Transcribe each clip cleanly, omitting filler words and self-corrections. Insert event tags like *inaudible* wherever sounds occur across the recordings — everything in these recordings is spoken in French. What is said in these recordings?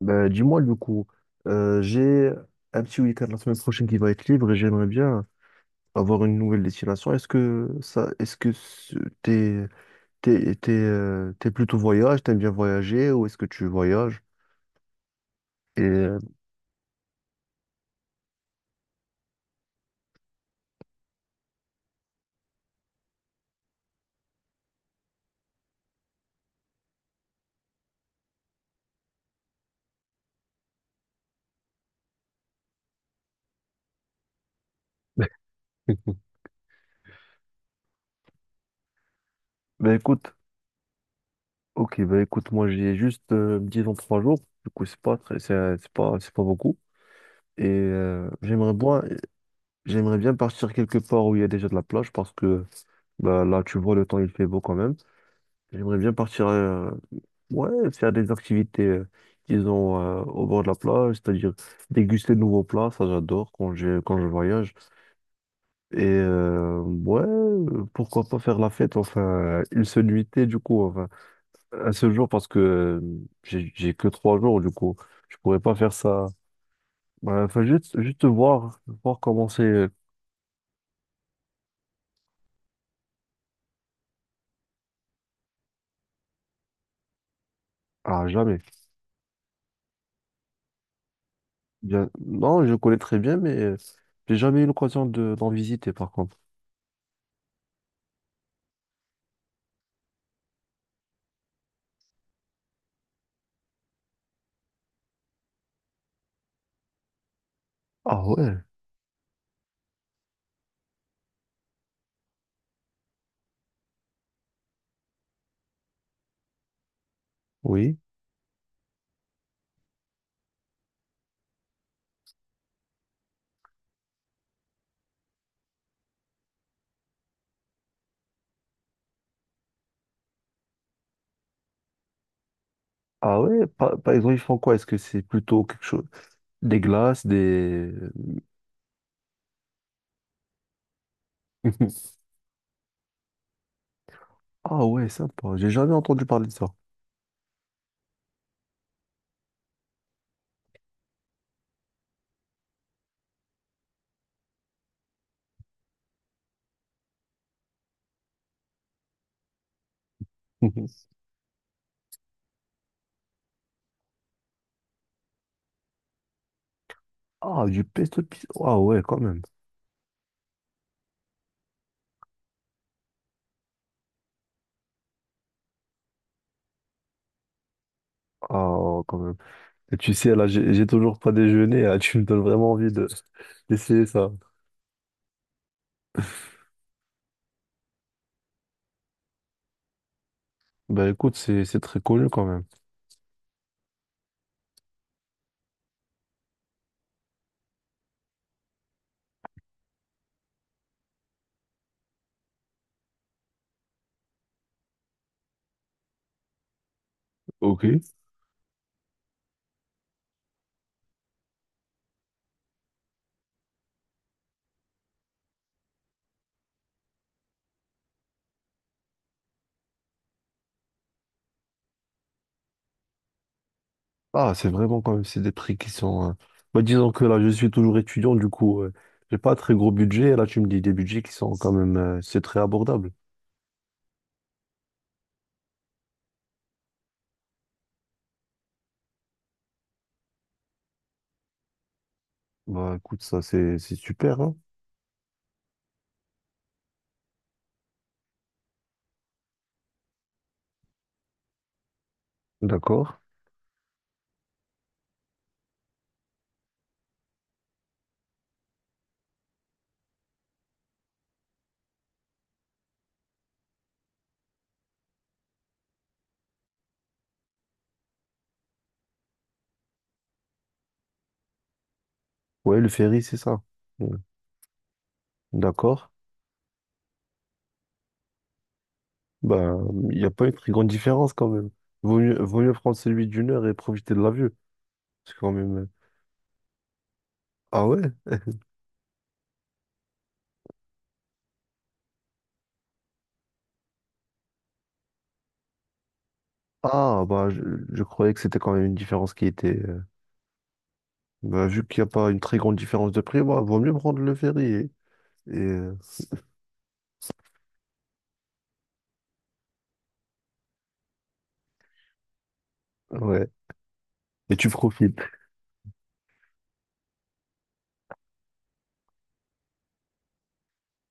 Bah, dis-moi du coup, j'ai un petit week-end la semaine prochaine qui va être libre et j'aimerais bien avoir une nouvelle destination. Est-ce que ça, est-ce que ce- t'es, t'es plutôt voyage, t'aimes bien voyager ou est-ce que tu voyages? Et euh, *laughs* bah, écoute, ok, bah écoute, moi j'ai juste 10 ans 3 jours, du coup c'est pas beaucoup. Et euh, j'aimerais bien, j'aimerais bien partir quelque part où il y a déjà de la plage parce que bah, là, tu vois, le temps, il fait beau quand même. J'aimerais bien partir, ouais, faire des activités, disons, au bord de la plage, c'est-à-dire déguster de nouveaux plats, ça j'adore quand je voyage. Ouais, pourquoi pas faire la fête, enfin, une seule nuitée, du coup, enfin, un seul jour, parce que j'ai que 3 jours, du coup, je pourrais pas faire ça. Ouais, enfin, juste voir comment c'est. Ah, jamais. Bien... Non, je connais très bien, mais j'ai jamais eu l'occasion d'en visiter, par contre. Ah ouais, oui. Ah ouais, par exemple, ils font quoi? Est-ce que c'est plutôt quelque chose... Des glaces, des... *laughs* Ah ouais, sympa. J'ai jamais entendu parler de ça. *laughs* Ah, du pesto pizza. Ah ouais, quand même. Ah, quand même. Et tu sais, là, j'ai toujours pas déjeuné. Là, tu me donnes vraiment envie de d'essayer ça. Ben écoute, c'est très connu quand même. Ok. Ah, c'est vraiment quand même, c'est des prix qui sont... bah, disons que là, je suis toujours étudiant, du coup, j'ai pas un très gros budget. Et là, tu me dis des budgets qui sont quand même... c'est très abordable. Bah écoute, ça c'est super, hein. D'accord. Ouais, le ferry, c'est ça. Ouais. D'accord. Bah, il n'y a pas une très grande différence quand même. Vaut mieux prendre celui d'une heure et profiter de la vue. C'est quand même. Ah ouais? Ah bah je croyais que c'était quand même une différence qui était. Bah vu qu'il n'y a pas une très grande différence de prix, bah vaut mieux prendre le ferry. Et, euh, ouais. Et tu profites.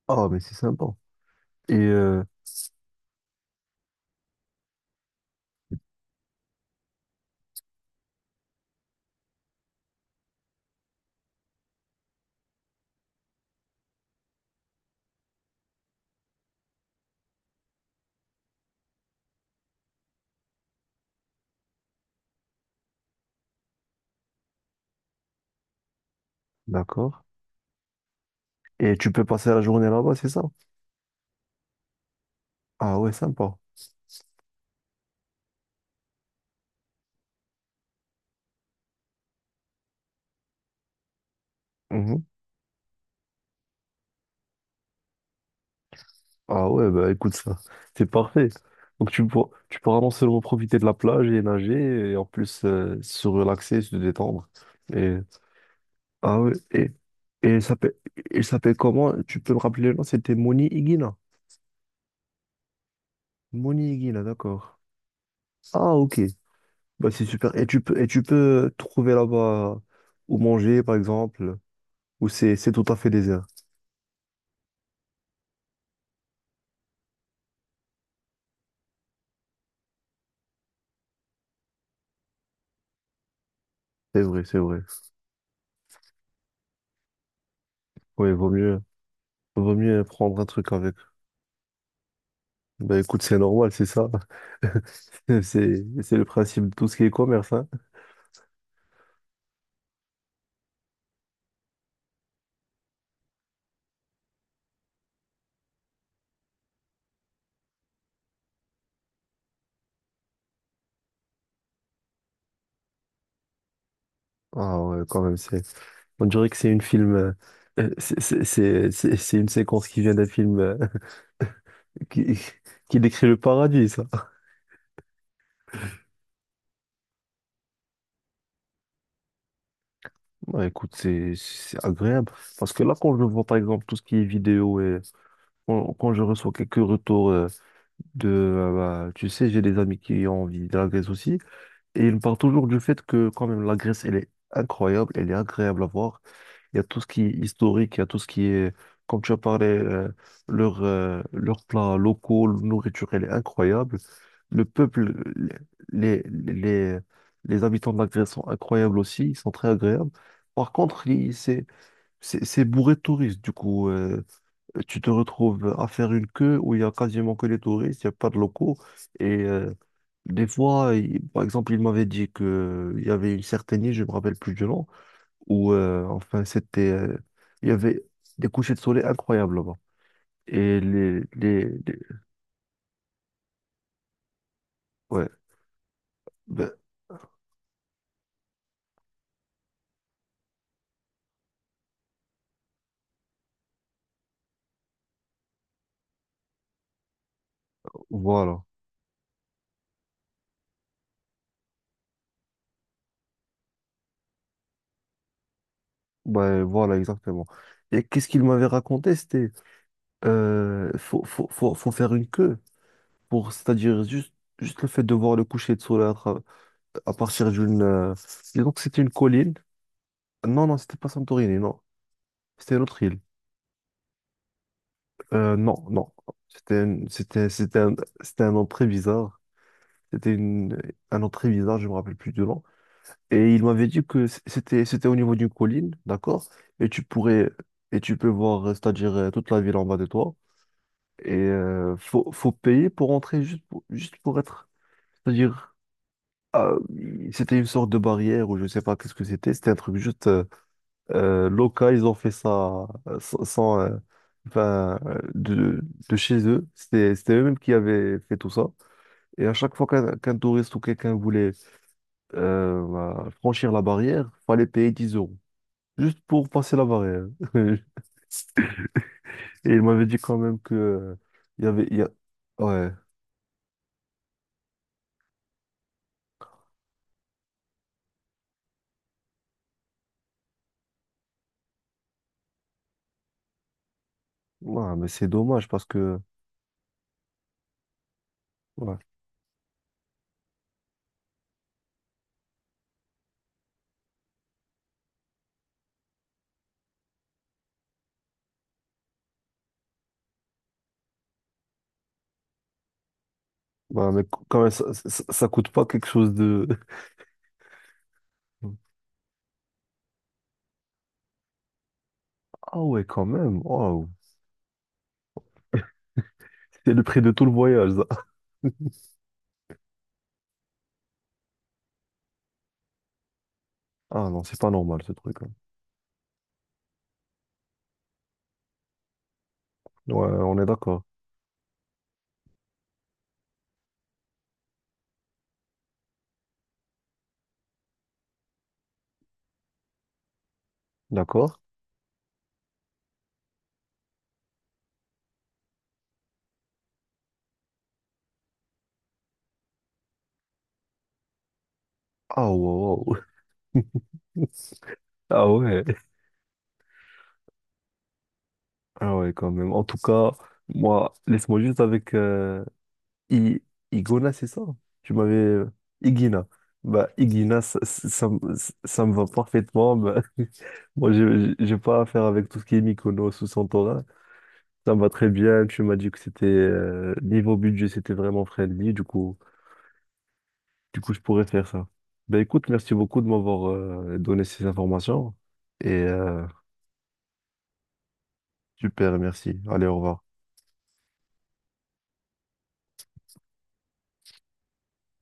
Ah mais c'est sympa. Et euh, d'accord. Et tu peux passer la journée là-bas, c'est ça? Ah ouais, sympa. Mmh. Ah ouais, bah écoute ça, c'est parfait. Donc tu pourras non seulement profiter de la plage et nager, et en plus se relaxer, se détendre. Et, ah ouais, et il s'appelle comment? Tu peux me rappeler le nom? C'était Moni Higuina. Moni Higuina, d'accord. Ah ok, bah c'est super. Et tu peux trouver là-bas où manger, par exemple. Ou c'est tout à fait désert? C'est vrai, c'est vrai. Oui, vaut mieux prendre un truc avec. Bah écoute, c'est normal, c'est ça. *laughs* C'est le principe de tout ce qui est commerce, hein. Ah ouais, quand même, c'est. On dirait que c'est une film. C'est une séquence qui vient d'un film *laughs* qui, qui décrit le paradis, ça. Ouais, écoute, c'est agréable. Parce que là, quand je vois par exemple tout ce qui est vidéo et quand je reçois quelques retours. de, euh, bah, tu sais, j'ai des amis qui ont envie de la Grèce aussi, et ils me parlent toujours du fait que quand même la Grèce, elle est incroyable, elle est agréable à voir. Il y a tout ce qui est historique, il y a tout ce qui est, comme tu as parlé, leurs plats locaux, leur nourriture, elle est incroyable. Le peuple, les, les, les, les habitants de la Grèce sont incroyables aussi, ils sont très agréables. Par contre, c'est bourré de touristes, du coup. Tu te retrouves à faire une queue où il y a quasiment que les touristes, il n'y a pas de locaux. Et euh, des fois, par exemple, il m'avait dit que il y avait une certaine île, je ne me rappelle plus du nom, où enfin il y avait des couchers de soleil incroyables là-bas. Et les, les, les- ouais, ben, voilà, ouais, voilà exactement. Et qu'est-ce qu'il m'avait raconté? C'était, faut, faut, faut, faut faire une queue. C'est-à-dire juste le fait de voir le coucher de soleil à partir d'une. Disons que c'était une colline. Non, non, c'était pas Santorini, non. C'était une autre île. Non, non. C'était une- c'était, c'était un nom très bizarre. C'était un nom très bizarre, je me rappelle plus du nom. Et il m'avait dit que c'était au niveau d'une colline, d'accord? Et tu pourrais, et tu peux voir, c'est-à-dire toute la ville en bas de toi. Faut payer pour entrer juste pour être, c'est-à-dire Ah, c'était une sorte de barrière ou je sais pas qu'est-ce que c'était. C'était un truc juste local. Ils ont fait ça sans, sans, enfin, de chez eux. C'était eux-mêmes qui avaient fait tout ça. Et à chaque fois qu'un touriste ou quelqu'un voulait bah, franchir la barrière, fallait payer 10 € juste pour passer la barrière. *laughs* Et ils m'avaient dit quand même que il y a... Ouais, ouais, mais c'est dommage parce que ouais, ouais, mais quand même ça coûte pas quelque chose de *laughs* Ah ouais, quand même. Waouh. C'est le prix de tout le voyage, ça. *laughs* Ah non, c'est pas normal, ce truc, hein. Ouais, on est d'accord. D'accord? Ah wow. Wow. *laughs* Ah ouais. Ah ouais, quand même. En tout cas, moi, laisse-moi juste avec I- Igona, c'est ça? Tu m'avais... Igina. Bah, Igina, ça me va parfaitement. Bah, *laughs* moi, j'ai pas affaire avec tout ce qui est Mykonos ou Santorin. Ça me va très bien. Tu m'as dit que c'était... niveau budget, c'était vraiment friendly. Du coup, je pourrais faire ça. Ben écoute, merci beaucoup de m'avoir donné ces informations. Et euh, super, merci. Allez, au revoir.